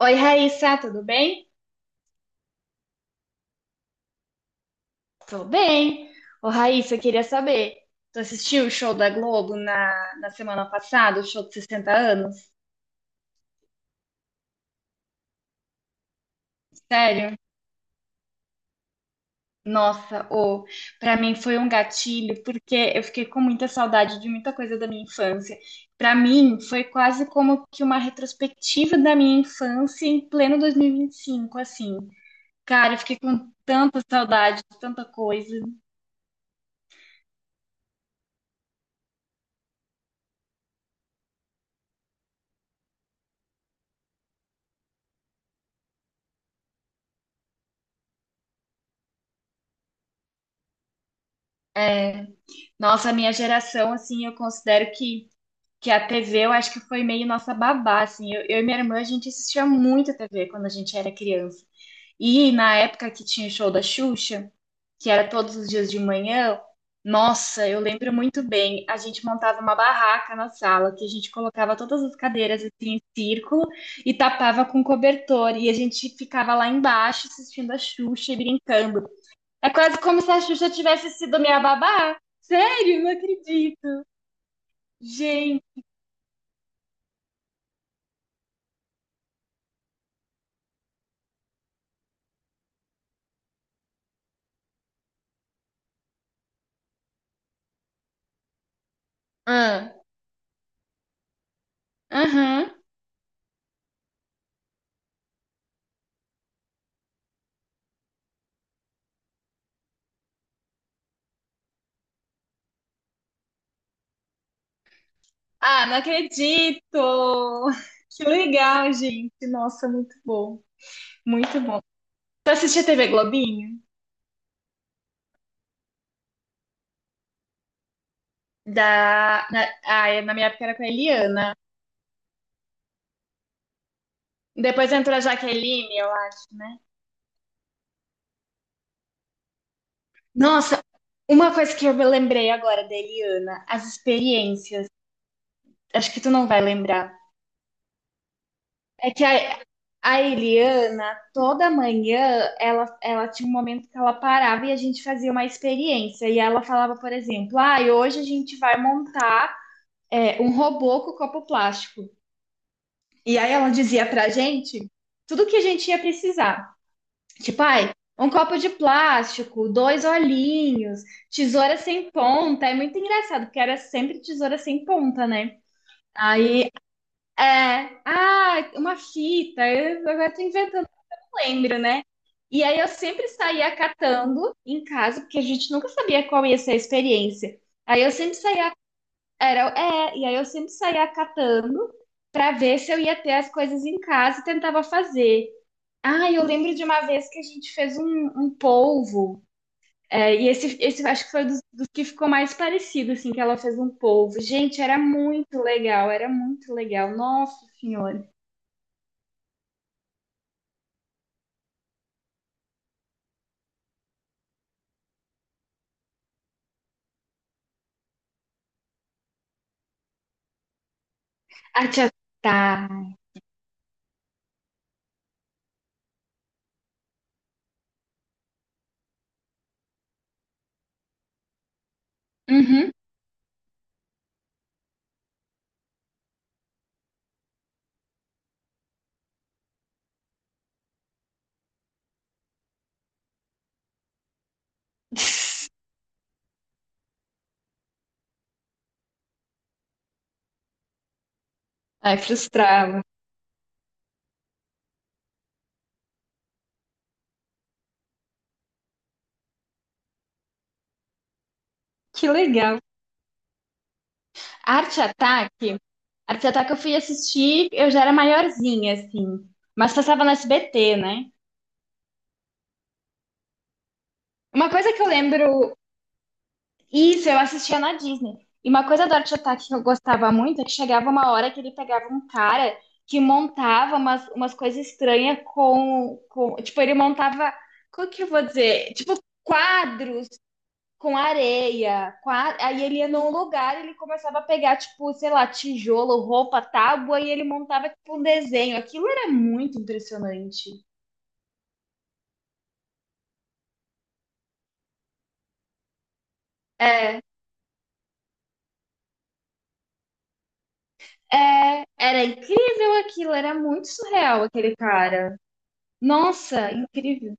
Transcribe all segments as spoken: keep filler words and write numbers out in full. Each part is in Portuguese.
Oi, Raíssa, tudo bem? Tô bem. Ô, Raíssa, eu queria saber, tu assistiu o show da Globo na, na semana passada, o show de sessenta anos? Sério? Nossa, ô, pra mim foi um gatilho, porque eu fiquei com muita saudade de muita coisa da minha infância. Pra mim, foi quase como que uma retrospectiva da minha infância em pleno dois mil e e vinte e cinco, assim. Cara, eu fiquei com tanta saudade de tanta coisa. É, nossa, a minha geração, assim, eu considero que que a T V eu acho que foi meio nossa babá, assim. Eu, eu e minha irmã, a gente assistia muito a T V quando a gente era criança. E na época que tinha o show da Xuxa, que era todos os dias de manhã, nossa, eu lembro muito bem. A gente montava uma barraca na sala, que a gente colocava todas as cadeiras assim, em círculo e tapava com cobertor. E a gente ficava lá embaixo assistindo a Xuxa e brincando. É quase como se a Xuxa tivesse sido minha babá. Sério, não acredito. Gente. Aham. Ah, não acredito! Que legal, gente. Nossa, muito bom. Muito bom. Tu assistia T V Globinho? Da, na, ah, é- Na minha época era com a Eliana. Depois entrou a Jaqueline, eu acho, né? Nossa, uma coisa que eu me lembrei agora da Eliana, as experiências. Acho que tu não vai lembrar. É que a, a Eliana, toda manhã, ela, ela tinha um momento que ela parava e a gente fazia uma experiência. E ela falava, por exemplo, ah, hoje a gente vai montar é, um robô com copo plástico. E aí ela dizia pra gente tudo que a gente ia precisar. Tipo, ai, um copo de plástico, dois olhinhos, tesoura sem ponta. É muito engraçado, porque era sempre tesoura sem ponta, né? Aí, é, ah, uma fita, eu agora tô inventando lembro, né? E aí eu sempre saía catando em casa, porque a gente nunca sabia qual ia ser a experiência. Aí eu sempre saía, era, é, e aí eu sempre saía catando para ver se eu ia ter as coisas em casa e tentava fazer. Ah, eu lembro de uma vez que a gente fez um, um polvo. É, e esse, esse eu acho que foi dos, dos que ficou mais parecido, assim, que ela fez um polvo. Gente, era muito legal, era muito legal. Nossa Senhora. A tia tá. Uhum. Ai, frustrava. Que legal. Arte Ataque, Arte Ataque eu fui assistir, eu já era maiorzinha, assim, mas passava no S B T, né? Uma coisa que eu lembro, isso, eu assistia na Disney. E uma coisa do Arte Ataque que eu gostava muito é que chegava uma hora que ele pegava um cara que montava umas, umas coisas estranhas com, com. Tipo, ele montava. Como que eu vou dizer? Tipo, quadros com areia, com a- aí ele ia num lugar, ele começava a pegar tipo, sei lá, tijolo, roupa, tábua e ele montava tipo um desenho. Aquilo era muito impressionante. É, é, Era incrível aquilo, era muito surreal aquele cara. Nossa, incrível.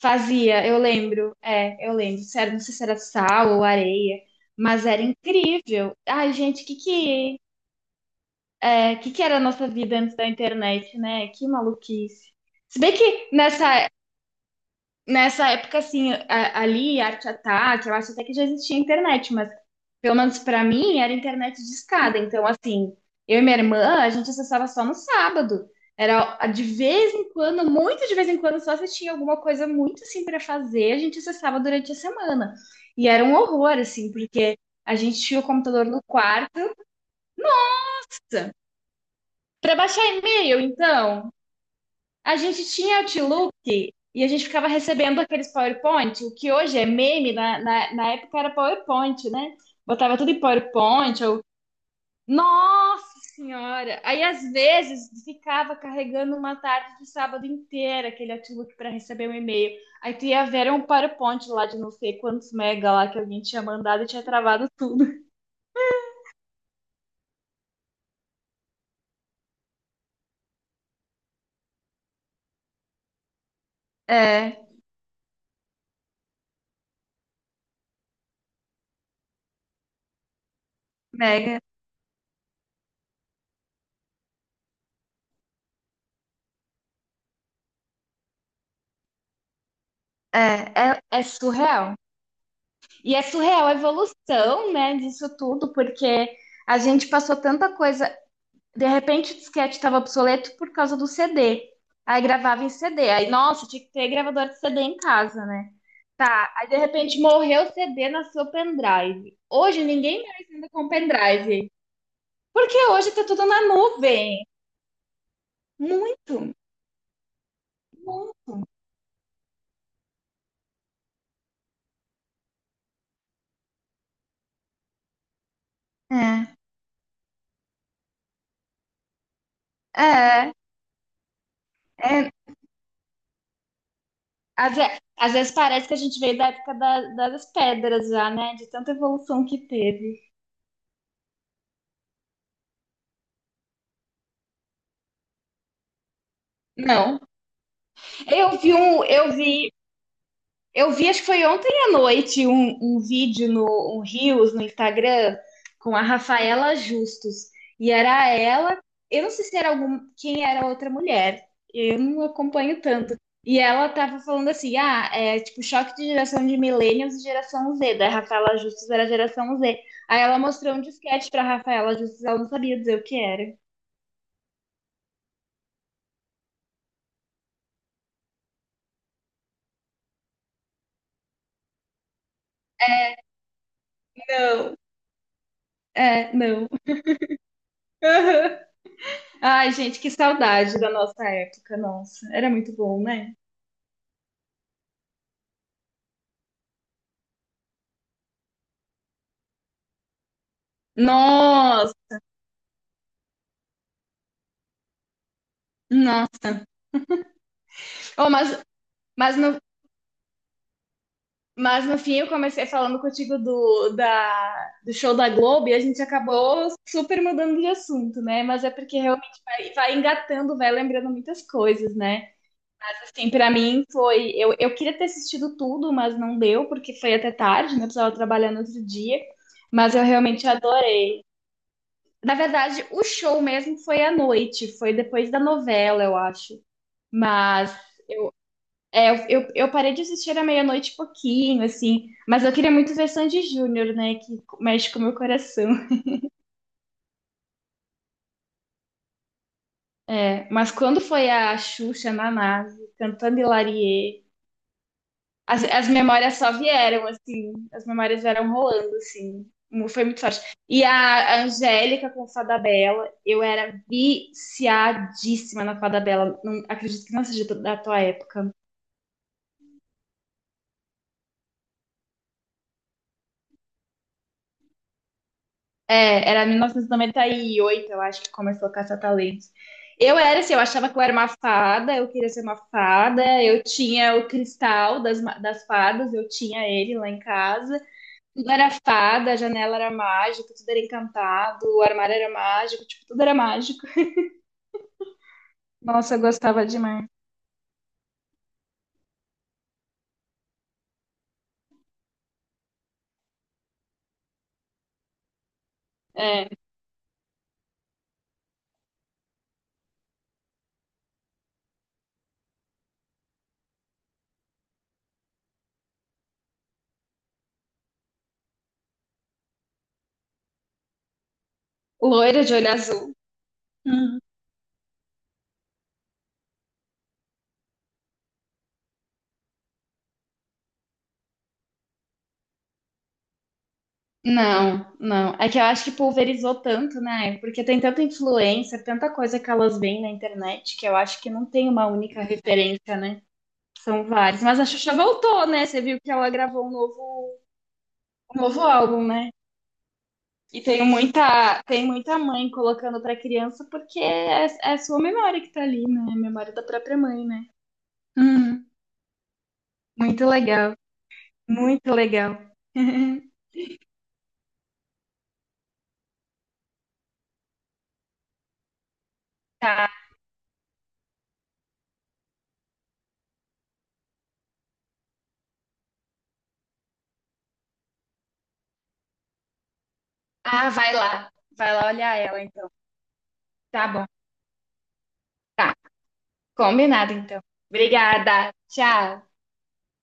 Fazia, eu lembro, é, eu lembro. Sério, não sei se era sal ou areia, mas era incrível. Ai, gente, o que que, é, que que era a nossa vida antes da internet, né? Que maluquice. Se bem que nessa Nessa época, assim, a- ali, Arte Ataque, eu acho até que já existia internet, mas pelo menos pra mim era internet de escada. Então, assim, eu e minha irmã, a gente acessava só no sábado. Era de vez em quando, muito de vez em quando, só se tinha alguma coisa muito assim pra fazer, a gente acessava durante a semana. E era um horror, assim, porque a gente tinha o computador no quarto. Pra baixar e-mail, então. A gente tinha Outlook e a gente ficava recebendo aqueles PowerPoint, o que hoje é meme, na, na, na época era PowerPoint, né? Botava tudo em PowerPoint, ou... Nossa Senhora! Aí, às vezes, ficava carregando uma tarde de sábado inteira aquele Outlook para receber um e-mail. Aí tu ia ver era um PowerPoint lá de não sei quantos mega lá que alguém tinha mandado e tinha travado tudo. É, mega. É, é, É surreal. E é surreal a evolução, né, disso tudo, porque a gente passou tanta coisa. De repente o disquete estava obsoleto por causa do C D. Aí gravava em C D. Aí, nossa, tinha que ter gravador de C D em casa, né? Tá, aí de repente morreu o C D, nasceu o pendrive. Hoje ninguém mais anda com pendrive. Porque hoje tá tudo na nuvem. Muito. É, é, é. Às, ve- às vezes parece que a gente veio da época da- das pedras já, né? De tanta evolução que teve. Não, Eu vi um, eu vi, eu vi, acho que foi ontem à noite, um, um vídeo no um Reels, no Instagram, com a Rafaela Justus. E era ela, eu não sei se era algum, quem era a outra mulher, eu não acompanho tanto. E ela tava falando assim, ah, é tipo choque de geração de millennials e geração Z, da Rafaela Justus era a geração Z. Aí ela mostrou um disquete pra Rafaela Justus, ela não sabia dizer o que era. Não. É, não. Ai, gente, que saudade da nossa época, nossa. Era muito bom, né? Nossa, nossa. Oh, mas, mas, no, mas no fim eu comecei falando contigo do, da, do show da Globo e a gente acabou super mudando de assunto, né? Mas é porque realmente vai, vai, engatando, vai lembrando muitas coisas, né? Assim, pra mim foi. Eu, eu queria ter assistido tudo, mas não deu, porque foi até tarde, né? Eu precisava trabalhar no outro dia. Mas eu realmente adorei. Na verdade, o show mesmo foi à noite, foi depois da novela, eu acho. Mas é, eu, eu, eu parei de assistir à meia-noite e pouquinho, assim. Mas eu queria muito ver Sandy Júnior, né? Que mexe com o meu coração. É, mas quando foi a Xuxa na nave, cantando Hilarie, as, as memórias só vieram, assim. As memórias vieram rolando, assim. Mu- Foi muito forte. E a Angélica com Fada Bela, eu era viciadíssima na Fada Bela. Não acredito que não seja da tua época. É, era mil novecentos e noventa e oito, eu acho que começou a Caça-Talentos. Eu era assim, eu achava que eu era uma fada, eu queria ser uma fada, eu tinha o cristal das, ma- das fadas, eu tinha ele lá em casa. Tudo era fada, a janela era mágica, tudo era encantado, o armário era mágico, tipo, tudo era mágico. Nossa, eu gostava demais. É, loira de olho azul. Não, não. É que eu acho que pulverizou tanto, né? Porque tem tanta influência, tanta coisa que elas veem na internet, que eu acho que não tem uma única referência, né? São vários. Mas a Xuxa voltou, né? Você viu que ela gravou um novo, um novo álbum, né? E tem muita, tem muita, mãe colocando pra criança, porque é, é a sua memória que tá ali, né? É a memória da própria mãe, né? Uhum. Muito legal, muito legal. Tá. Ah, vai lá. Vai lá olhar ela, então. Tá bom. Tá. Combinado, então. Obrigada. Tchau.